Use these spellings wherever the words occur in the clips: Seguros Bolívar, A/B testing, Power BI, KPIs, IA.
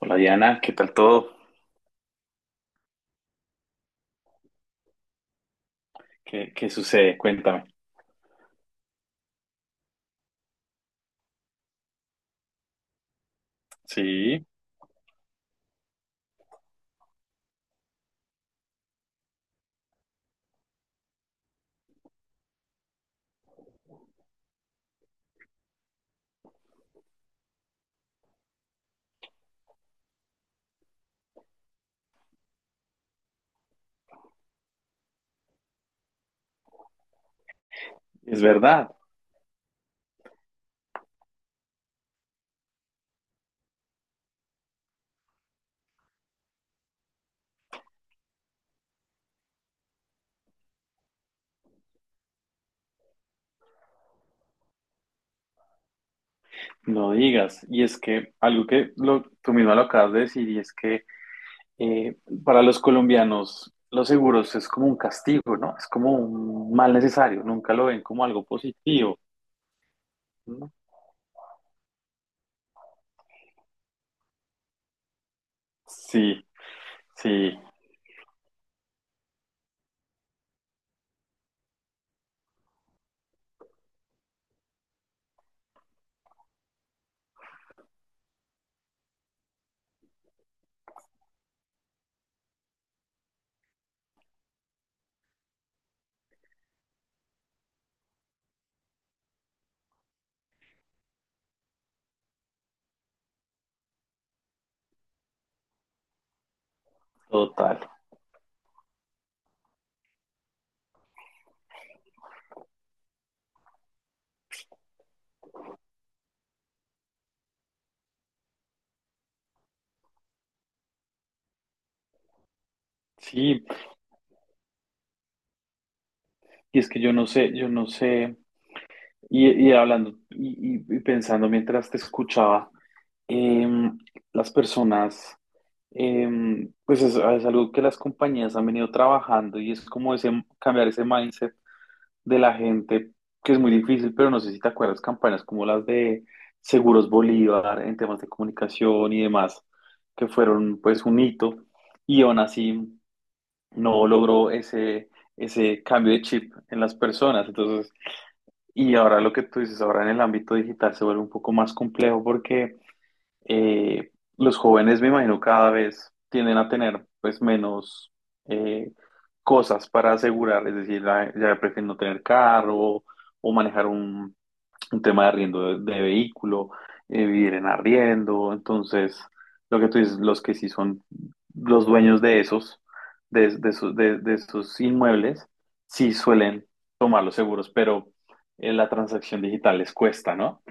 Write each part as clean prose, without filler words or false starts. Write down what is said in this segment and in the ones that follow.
Hola Diana, ¿qué tal todo? ¿Qué sucede? Cuéntame. Sí, es verdad, no digas. Y es que algo que tú misma lo acabas de decir, y es que eh, para los colombianos los seguros es como un castigo, ¿no? Es como un mal necesario, nunca lo ven como algo positivo, ¿no? Sí, sí, total. Sí, y es que yo no sé, y hablando y pensando mientras te escuchaba. em, las personas... pues es algo que las compañías han venido trabajando y es como ese, cambiar ese mindset de la gente, que es muy difícil, pero no sé si te acuerdas campañas como las de Seguros Bolívar en temas de comunicación y demás, que fueron pues un hito y aún así no logró ese cambio de chip en las personas. Entonces, y ahora lo que tú dices, ahora en el ámbito digital se vuelve un poco más complejo porque eh, los jóvenes, me imagino, cada vez tienden a tener pues menos eh, cosas para asegurar. Es decir, ya prefieren no tener carro o manejar un tema de arriendo de vehículo, vivir en arriendo. Entonces, lo que tú dices, los que sí son los dueños de esos inmuebles, sí suelen tomar los seguros, pero la transacción digital les cuesta, ¿no?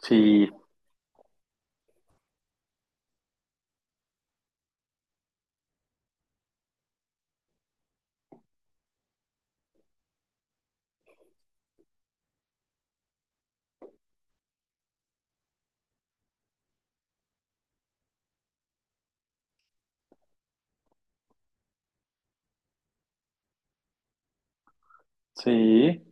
Sí, sí,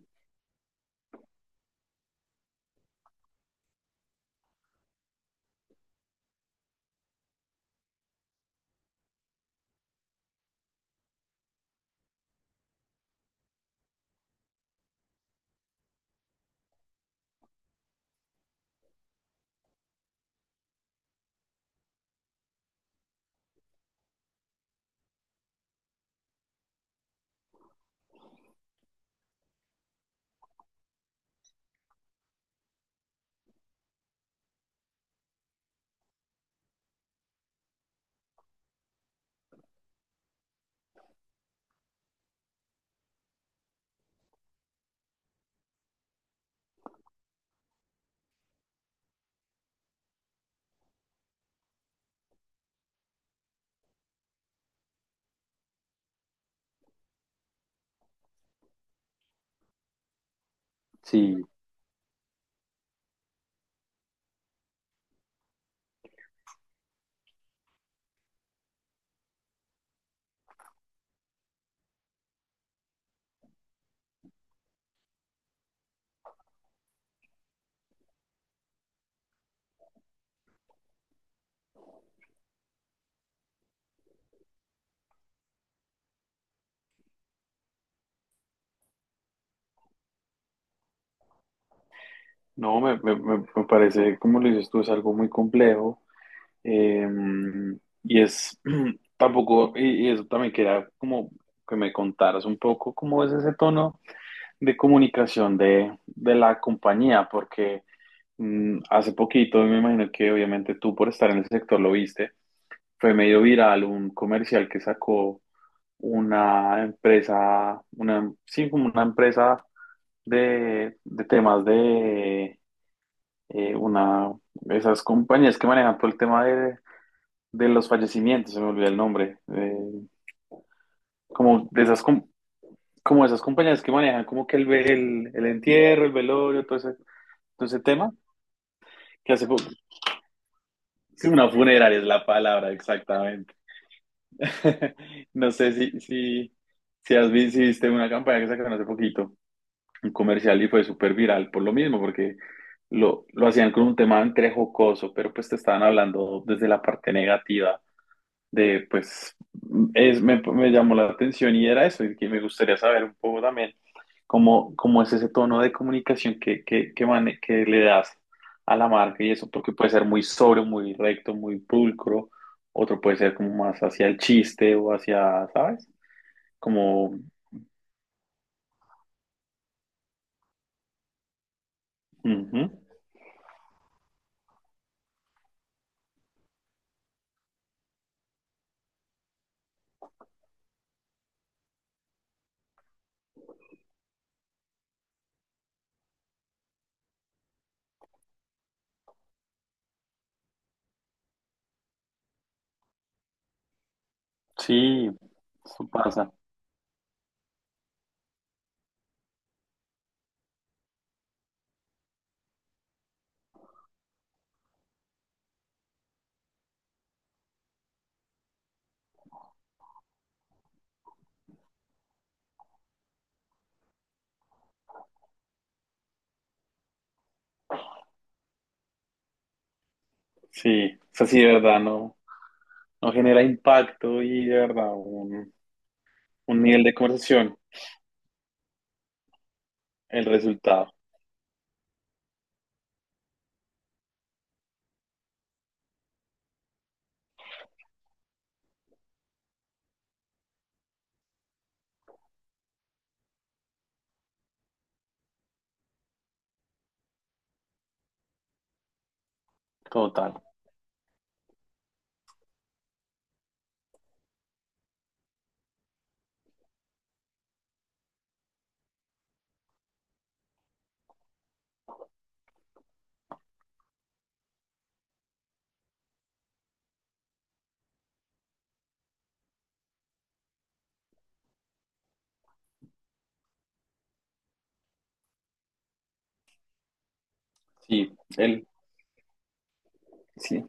sí. No, me parece, como lo dices tú, es algo muy complejo. em, y es tampoco, y eso también quería como que me contaras un poco cómo es ese tono de comunicación de la compañía, porque hace poquito, me imagino que obviamente tú por estar en el sector lo viste, fue medio viral un comercial que sacó una empresa, sí, como una empresa de temas de eh, una, esas compañías que manejan todo el tema de los fallecimientos. Se me olvidó el nombre. Eh, como de esas, com- como esas compañías que manejan como que el entierro, el velorio, todo ese tema. que hace po- sí, una funeraria es la palabra, exactamente. No sé si viste una campaña que sacaron hace poquito, un comercial y fue súper viral por lo mismo, porque lo hacían con un tema entre jocoso, pero pues te estaban hablando desde la parte negativa de pues me llamó la atención y era eso, y que me gustaría saber un poco también cómo es ese tono de comunicación que le das a la marca y eso, porque puede ser muy sobrio, muy recto, muy pulcro, otro puede ser como más hacia el chiste o hacia, ¿sabes? Como, Ujú, sí, eso pasa, sí, o sea, sí, de verdad, no, no genera impacto y de verdad un nivel de conversación, el resultado total. Sí, sí,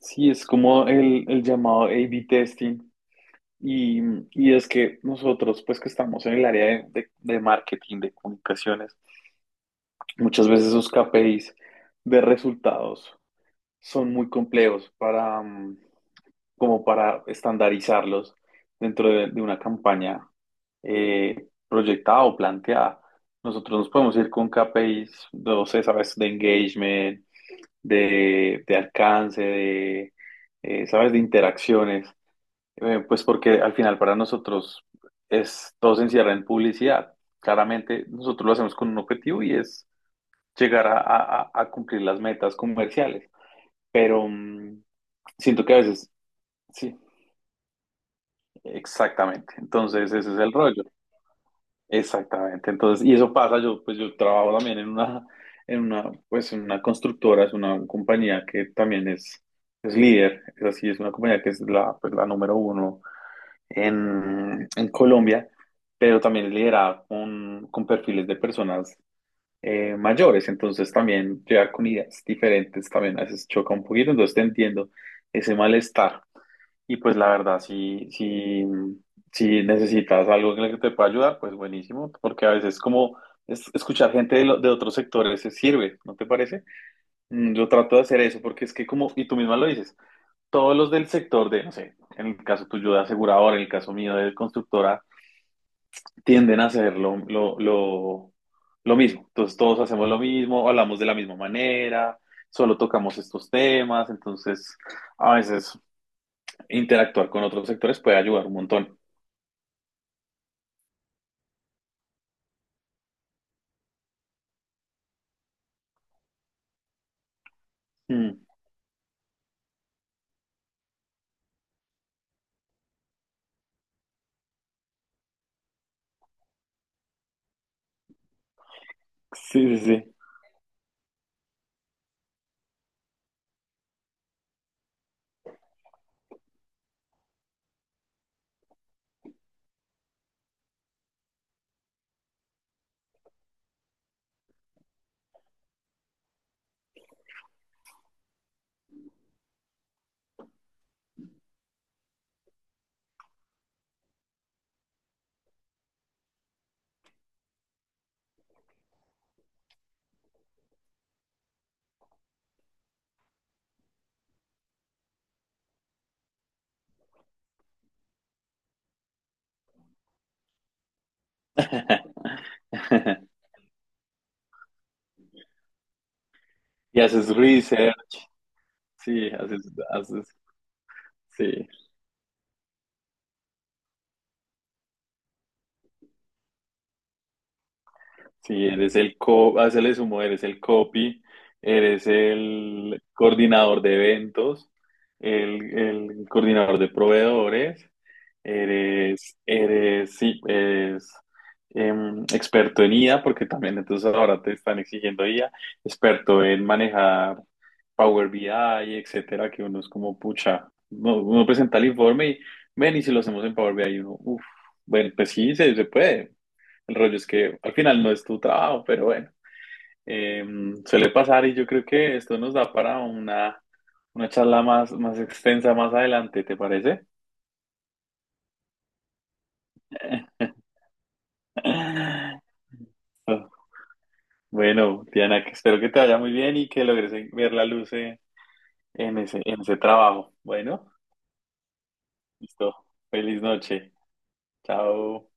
sí, es como el llamado A/B testing. Y, y es que nosotros, pues que estamos en el área de marketing, de comunicaciones, muchas veces esos KPIs de resultados son muy complejos para, como para estandarizarlos dentro de una campaña proyectada o planteada. Nosotros nos podemos ir con KPIs, no sé, sabes, de engagement, de alcance, ¿sabes?, de interacciones. Pues porque al final para nosotros todo se encierra en publicidad. Claramente nosotros lo hacemos con un objetivo y es llegar a cumplir las metas comerciales, pero siento que a veces, sí, exactamente. Entonces ese es el rollo. Exactamente, entonces, y eso pasa, yo trabajo también en una constructora. Es una compañía que también es líder, es así, es una compañía que es la número uno en Colombia, pero también es liderada con perfiles de personas mayores. Entonces también llegar con ideas diferentes también a veces choca un poquito. Entonces te entiendo ese malestar. Y pues la verdad, si necesitas algo en el que te pueda ayudar, pues buenísimo, porque a veces escuchar gente de otros sectores se sirve, ¿no te parece? Yo trato de hacer eso porque es que como, y tú misma lo dices, todos los del sector de, no sé, en el caso tuyo de asegurador, en el caso mío de constructora, tienden a hacer lo mismo. Entonces todos hacemos lo mismo, hablamos de la misma manera, solo tocamos estos temas, entonces a veces interactuar con otros sectores puede ayudar un montón. Mm, sí, sí, sí. Y haces research, sí, haces, sí, sí, eres haces el sumo, eres el copy, eres el coordinador de eventos, el coordinador de proveedores, eres, sí, experto en IA, porque también entonces ahora te están exigiendo IA, experto en manejar Power BI, etcétera, que uno es como, pucha, uno presenta el informe y, ven, y si lo hacemos en Power BI, y uno, uff, bueno, pues sí, se puede. El rollo es que al final no es tu trabajo, pero bueno, eh, suele pasar y yo creo que esto nos da para una charla más extensa más adelante, ¿te parece? Bueno, Diana, que espero que te vaya muy bien y que logres ver la luz en ese trabajo. Bueno, listo. Feliz noche. Chao.